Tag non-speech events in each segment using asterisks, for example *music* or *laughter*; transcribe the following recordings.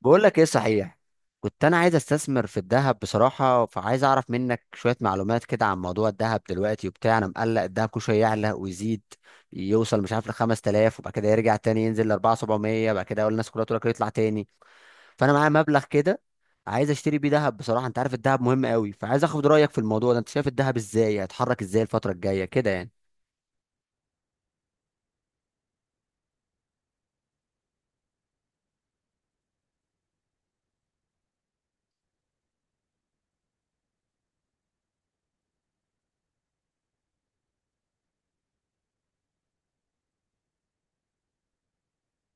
بقول لك ايه؟ صحيح. كنت انا عايز استثمر في الذهب بصراحه، فعايز اعرف منك شويه معلومات كده عن موضوع الذهب دلوقتي وبتاع. انا مقلق، الذهب كل شويه يعلى ويزيد. يوصل مش عارف ل 5000، وبعد كده يرجع تاني ينزل ل 4700، بعد كده اقول الناس كلها تقول لك يطلع تاني. فانا معايا مبلغ كده، عايز اشتري بيه ذهب بصراحه. انت عارف الذهب مهم قوي، فعايز اخد رايك في الموضوع ده. انت شايف الذهب ازاي؟ هيتحرك ازاي الفتره الجايه كده يعني؟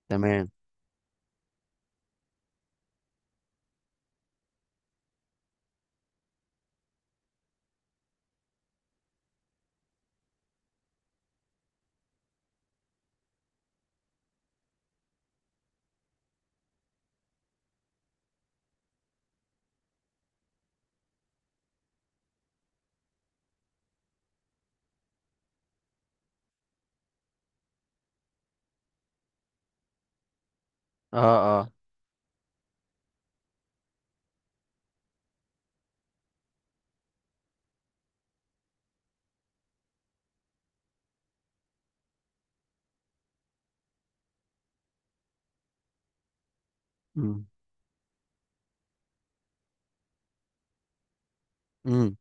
تمام. اه، اه. امم امم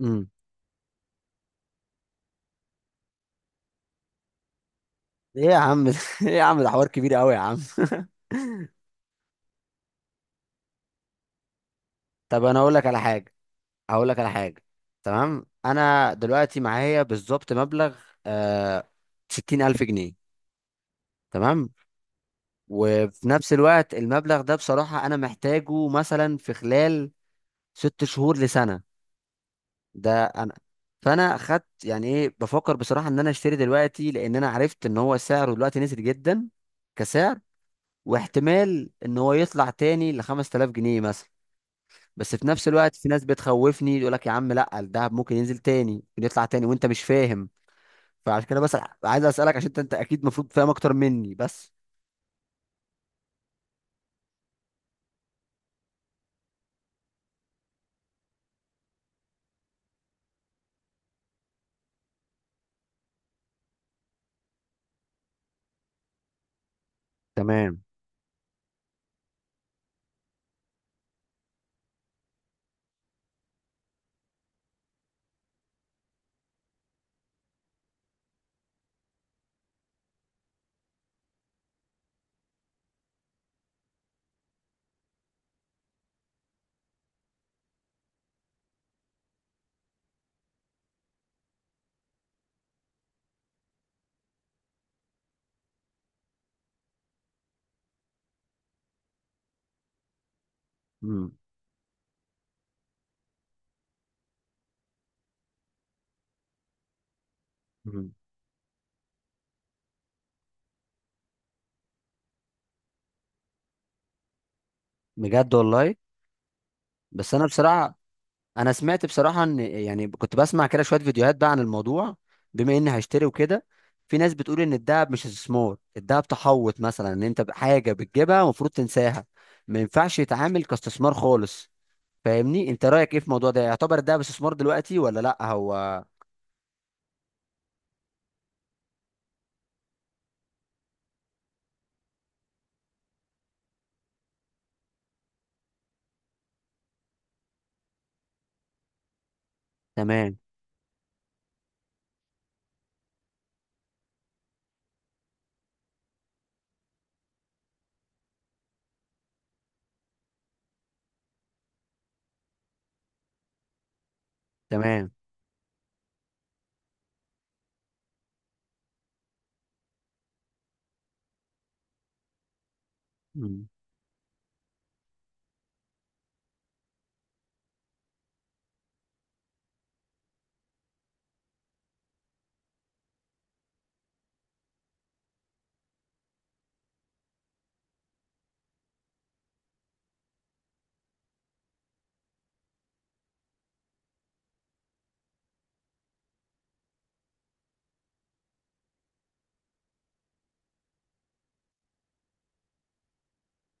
امم ايه يا عم *laughs* ده؟ ايه يا عم ده حوار كبير قوي يا عم. *laughs* طب انا اقول لك على حاجه، هقول لك على حاجه. تمام، انا دلوقتي معايا بالظبط مبلغ، آه 60000 جنيه. تمام. وفي نفس الوقت المبلغ ده بصراحه انا محتاجه مثلا في خلال 6 شهور لسنه. ده انا فانا خدت، يعني ايه، بفكر بصراحه ان انا اشتري دلوقتي، لان انا عرفت ان هو سعره دلوقتي نزل جدا كسعر. واحتمال ان هو يطلع تاني ل 5000 جنيه مثلا. بس في نفس الوقت في ناس بتخوفني، يقول لك يا عم لا، الدهب ممكن ينزل تاني ممكن يطلع تاني وانت مش فاهم. فعشان كده بس عايز اسالك، عشان انت اكيد المفروض فاهم اكتر مني بس. تمام. مم. مم. بجد والله. بس انا بصراحه، انا سمعت بصراحه ان، يعني كنت بسمع كده شويه فيديوهات بقى عن الموضوع، بما اني هشتري وكده. في ناس بتقول ان الدهب مش استثمار، الدهب تحوط، مثلا ان انت حاجه بتجيبها المفروض تنساها، ما ينفعش يتعامل كاستثمار خالص. فاهمني؟ انت رايك ايه في الموضوع ده؟ يعتبر الدهب استثمار دلوقتي ولا لا؟ هو تمام تمام. مم.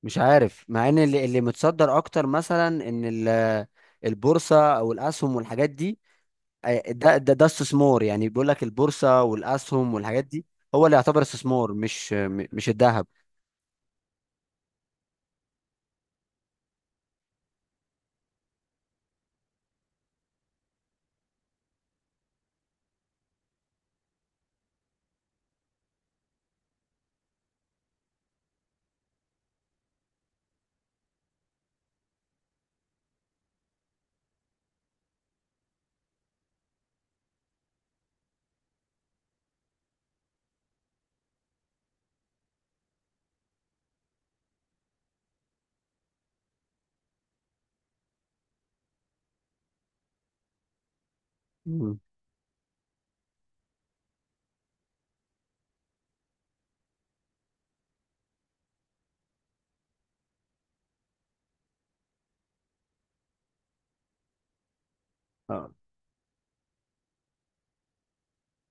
مش عارف، مع ان اللي متصدر اكتر مثلا ان البورصه او الاسهم والحاجات دي، ده استثمار يعني. بيقول لك البورصه والاسهم والحاجات دي هو اللي يعتبر استثمار، مش مش الذهب. امم.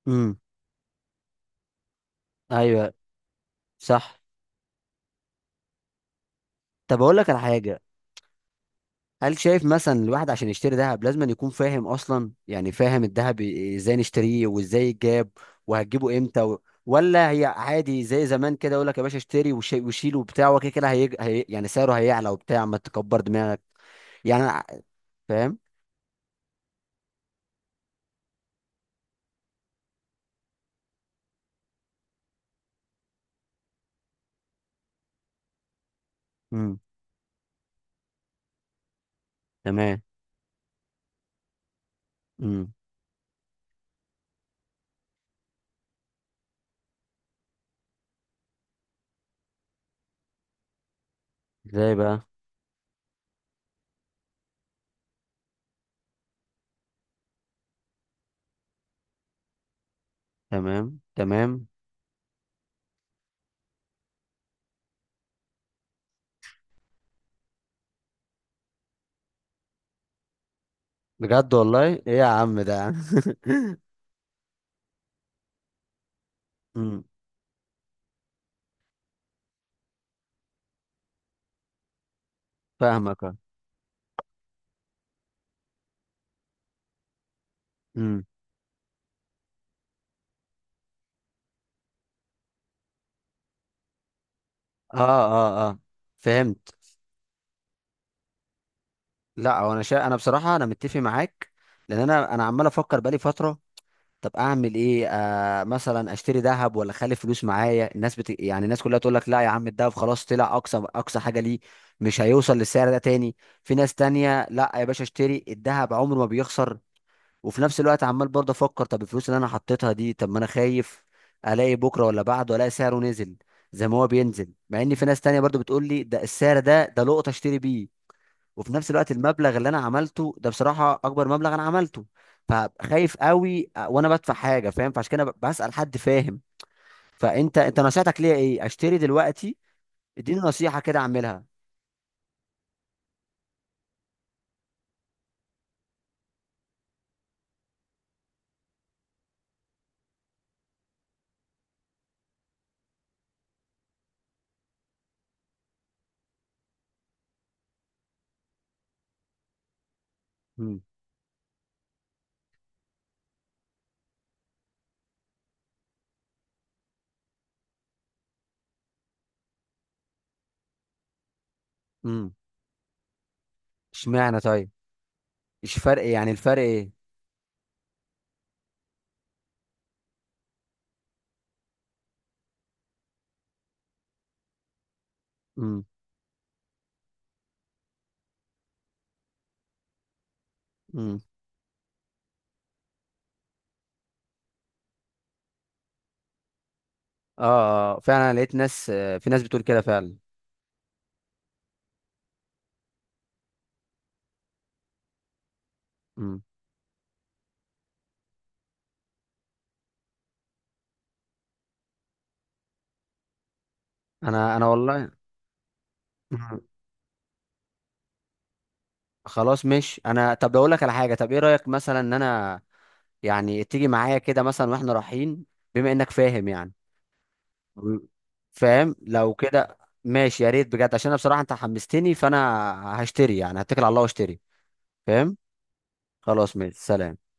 امم. ايوه. صح. طب اقول لك على حاجه. هل شايف مثلا الواحد عشان يشتري ذهب لازم أن يكون فاهم اصلا، يعني فاهم الذهب ازاي نشتريه وازاي يتجاب وهتجيبه امتى ولا هي عادي زي زمان كده، يقول لك يا باشا اشتري وشيل وبتاع وكده كده، هي... هي... يعني سعره هيعلى وبتاع ما تكبر دماغك. يعني فاهم. امم. تمام. امم. ازاي بقى؟ تمام، تمام. بجد والله ايه يا عم ده. *laughs* امم. فاهمك. امم. اه، اه، اه. فهمت. لا، هو انا بصراحه انا متفق معاك، لان انا عمال افكر بقالي فتره. طب اعمل ايه؟ مثلا اشتري ذهب ولا اخلي فلوس معايا؟ يعني الناس كلها تقول لك لا يا عم، الذهب خلاص طلع اقصى اقصى حاجه ليه، مش هيوصل للسعر ده تاني. في ناس تانية، لا يا باشا اشتري، الذهب عمره ما بيخسر. وفي نفس الوقت عمال برضه افكر، طب الفلوس اللي انا حطيتها دي، طب ما انا خايف الاقي بكره ولا بعده الاقي سعره نزل زي ما هو بينزل، مع ان في ناس تانية برضه بتقول لي ده السعر ده لقطه اشتري بيه. وفي نفس الوقت المبلغ اللي انا عملته ده بصراحه اكبر مبلغ انا عملته، فخايف قوي وانا بدفع حاجه فاهم. فعشان كده بسال حد فاهم. فانت نصيحتك ليا ايه؟ اشتري دلوقتي؟ اديني نصيحه كده اعملها. امم. امم. اشمعنى طيب؟ ايش فرق، يعني الفرق ايه؟ امم. امم. اه. آه، آه. فعلا لقيت ناس، في ناس بتقول كده فعلا. امم. انا والله. مم. خلاص مش انا. طب اقول لك على حاجه، طب ايه رايك مثلا ان انا، يعني تيجي معايا كده مثلا واحنا رايحين، بما انك فاهم يعني. م- فاهم لو كده، ماشي يا ريت بجد، عشان انا بصراحه انت حمستني، فانا هشتري يعني، هتكل على الله واشتري. فاهم. خلاص، ماشي، سلام.